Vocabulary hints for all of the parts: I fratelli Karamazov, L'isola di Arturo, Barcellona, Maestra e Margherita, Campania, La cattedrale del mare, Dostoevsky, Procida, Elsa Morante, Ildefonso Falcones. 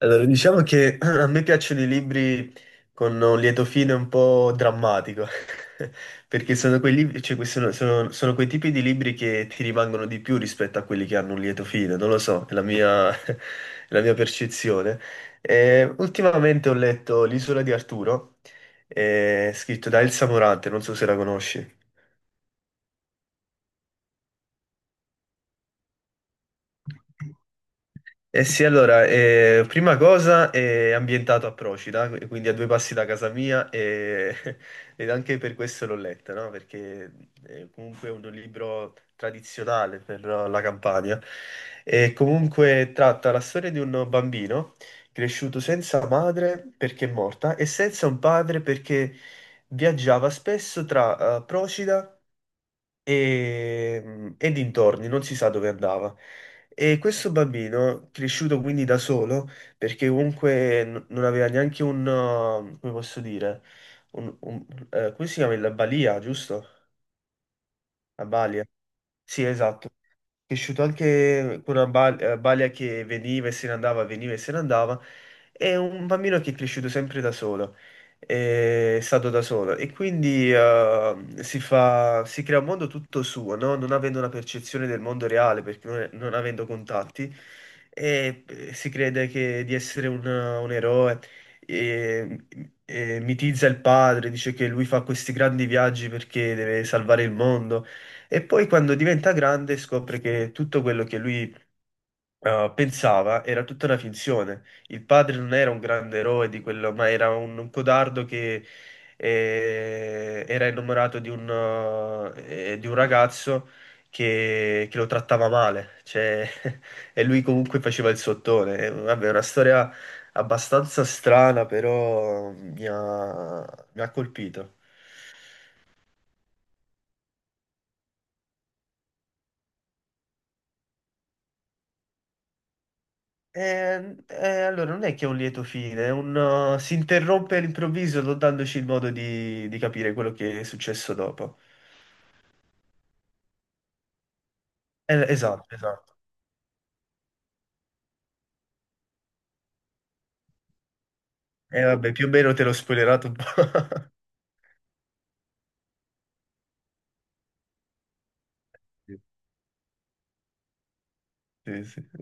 Allora, diciamo che a me piacciono i libri con un lieto fine un po' drammatico, perché sono quei libri- cioè, que- sono- sono- sono quei tipi di libri che ti rimangono di più rispetto a quelli che hanno un lieto fine, non lo so, è la mia percezione. Ultimamente ho letto L'isola di Arturo, scritto da Elsa Morante, non so se la conosci. Eh sì, allora, prima cosa è ambientato a Procida, quindi a due passi da casa mia. Ed anche per questo l'ho letta, no? Perché è comunque è un libro tradizionale per la Campania e comunque tratta la storia di un bambino cresciuto senza madre perché è morta e senza un padre perché viaggiava spesso tra Procida e dintorni, non si sa dove andava. E questo bambino, cresciuto quindi da solo, perché comunque non aveva neanche come posso dire, come si chiama? La balia, giusto? La balia. Sì, esatto, cresciuto anche con una balia che veniva e se ne andava, veniva e se ne andava, è un bambino che è cresciuto sempre da solo, è stato da solo e quindi si crea un mondo tutto suo, no? Non avendo una percezione del mondo reale, perché non avendo contatti, si di essere un eroe. E e mitizza il padre, dice che lui fa questi grandi viaggi perché deve salvare il mondo. E poi quando diventa grande scopre che tutto quello che lui pensava era tutta una finzione. Il padre non era un grande eroe di quello, ma era un codardo che era innamorato di di un ragazzo che lo trattava male. Cioè, e lui comunque faceva il sottone. Vabbè, è una storia abbastanza strana, però mi ha colpito. Allora non è che è un lieto fine, è si interrompe all'improvviso non dandoci il modo di capire quello che è successo dopo. Esatto, esatto. E vabbè, più o meno te l'ho spoilerato un po'. Sì, sì, sì.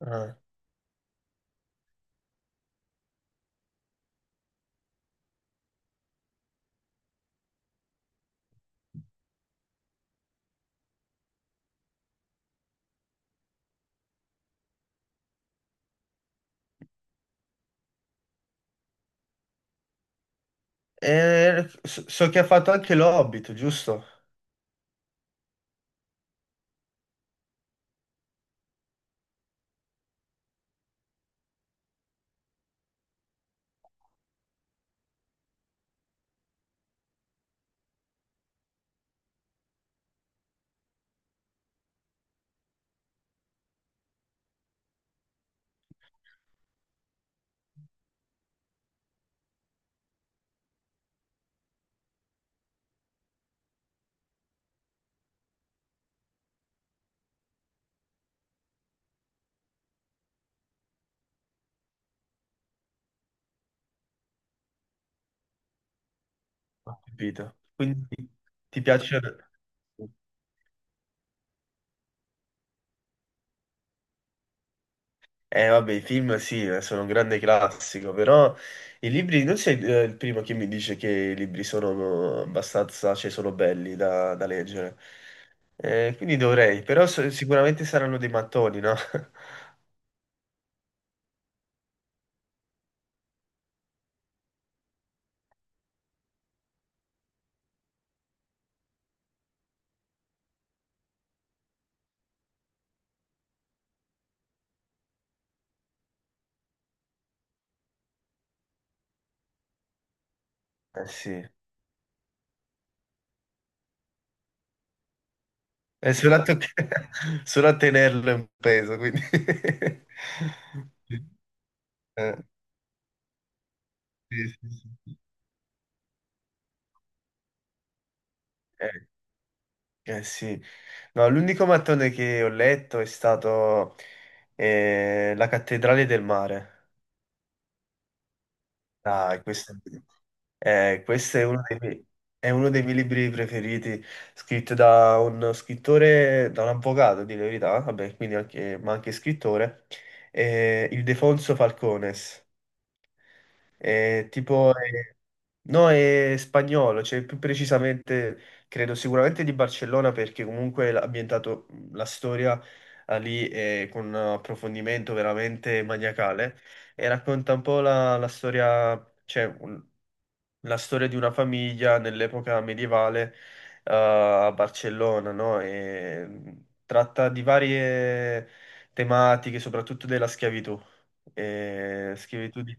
Ah. So, so che ha fatto anche l'Hobbit, giusto? Ho capito. Quindi ti piace? Vabbè, i film sì, sono un grande classico, però i libri, non sei il primo che mi dice che i libri sono abbastanza, cioè sono belli da leggere. Quindi dovrei, però sicuramente saranno dei mattoni, no? Eh sì, è solo solo a tenerlo in peso, quindi... Eh, sì, sì, sì, sì. Eh, sì. No, l'unico mattone che ho letto è stato La cattedrale del mare. Ah, questo è uno è uno dei miei libri preferiti, scritto da uno scrittore, da un avvocato, di la verità, vabbè, quindi anche scrittore, Ildefonso Falcones. Tipo, no, è spagnolo, cioè più precisamente, credo sicuramente di Barcellona, perché comunque ha ambientato la storia lì con un approfondimento veramente maniacale e racconta un po' la storia, cioè la storia di una famiglia nell'epoca medievale a Barcellona, no? E tratta di varie tematiche, soprattutto della schiavitù. E schiavitù di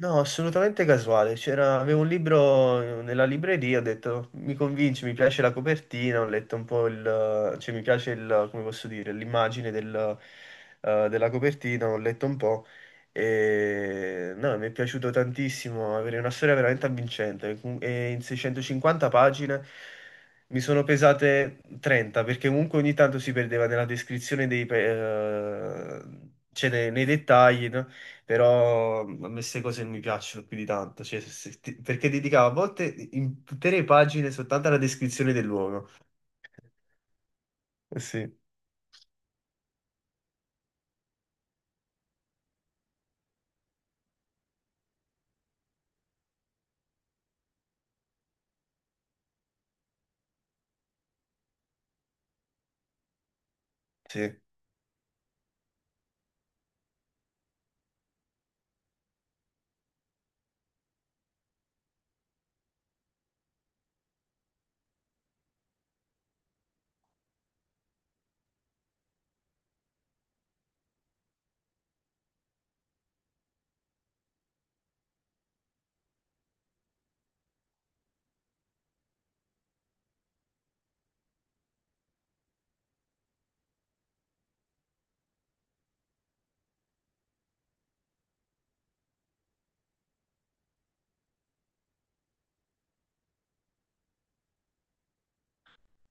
no, assolutamente casuale. C'era, avevo un libro nella libreria, ho detto mi convince, mi piace la copertina, ho letto un po' il, cioè mi piace il, come posso dire, l'immagine del, della copertina, ho letto un po' e no, mi è piaciuto tantissimo, avere una storia veramente avvincente e in 650 pagine mi sono pesate 30 perché comunque ogni tanto si perdeva nella descrizione cioè nei dettagli, no? Però mhmm, a me queste cose non mi piacciono più di tanto, cioè, se- se ti- perché dedicavo a volte intere pagine soltanto alla descrizione del luogo. Sì, sì.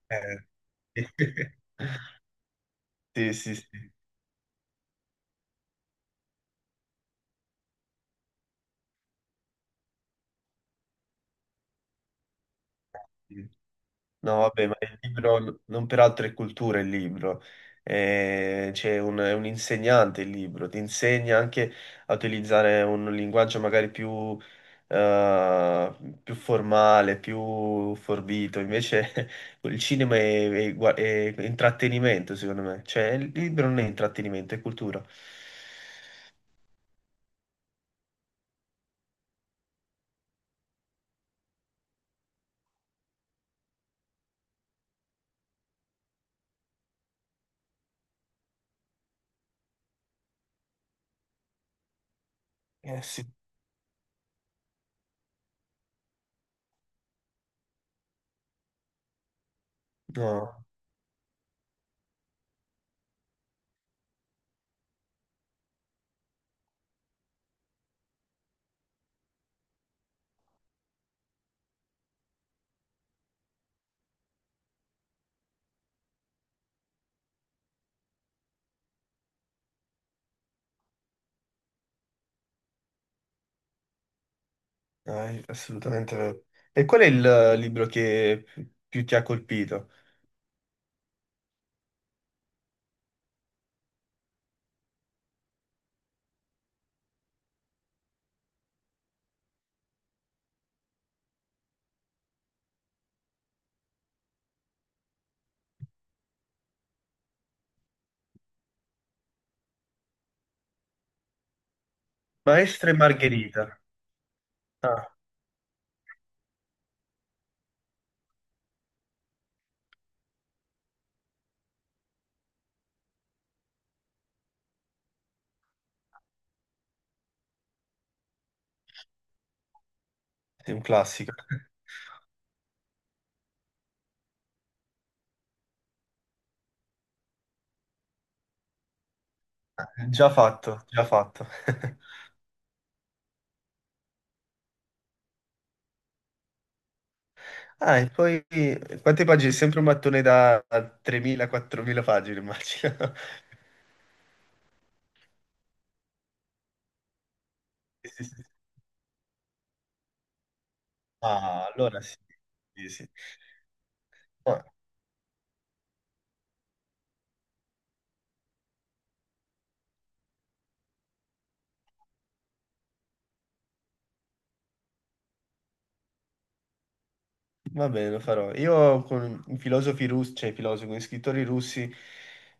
Eh. Sì, sì, sì. No, vabbè, ma il libro non per altre culture, il libro. È un insegnante il libro, ti insegna anche a utilizzare un linguaggio magari più, eh, più formale, più forbito. Invece il cinema è intrattenimento, secondo me. Cioè, il libro non è intrattenimento, è cultura. Eh sì. No, dai, assolutamente vero. E qual è il libro che più ti ha colpito? Maestra e Margherita. Ah, sì, un classico. Già fatto, già fatto. Ah, e poi quante pagine? Sempre un mattone da 3.000-4.000 pagine, immagino. Sì, sì, sì. Ah, allora sì. Sì, sì. Ah, va bene, lo farò. Io con i filosofi russi, cioè i filosofi, con gli scrittori russi,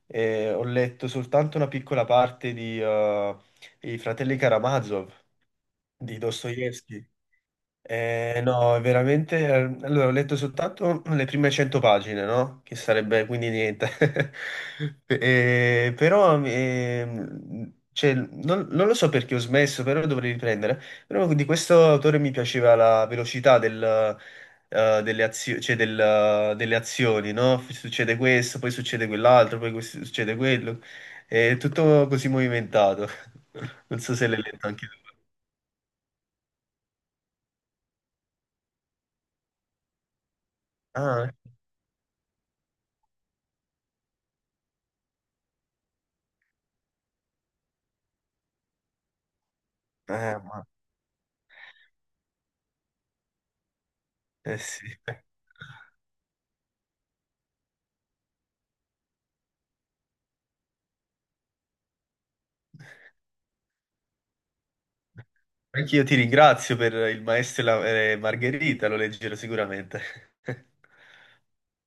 ho letto soltanto una piccola parte di I fratelli Karamazov di Dostoevsky. No, è veramente... Allora, ho letto soltanto le prime 100 pagine, no? Che sarebbe quindi niente. Però, cioè, non lo so perché ho smesso, però dovrei riprendere. Però di questo autore mi piaceva la velocità del, cioè delle azioni, no? Succede questo, poi succede quell'altro, succede quello. È tutto così movimentato. Non so se l'hai letto anche tu. Ah, eh, ma- Eh sì. Anch'io ti ringrazio per il maestro e Margherita, lo leggerò sicuramente.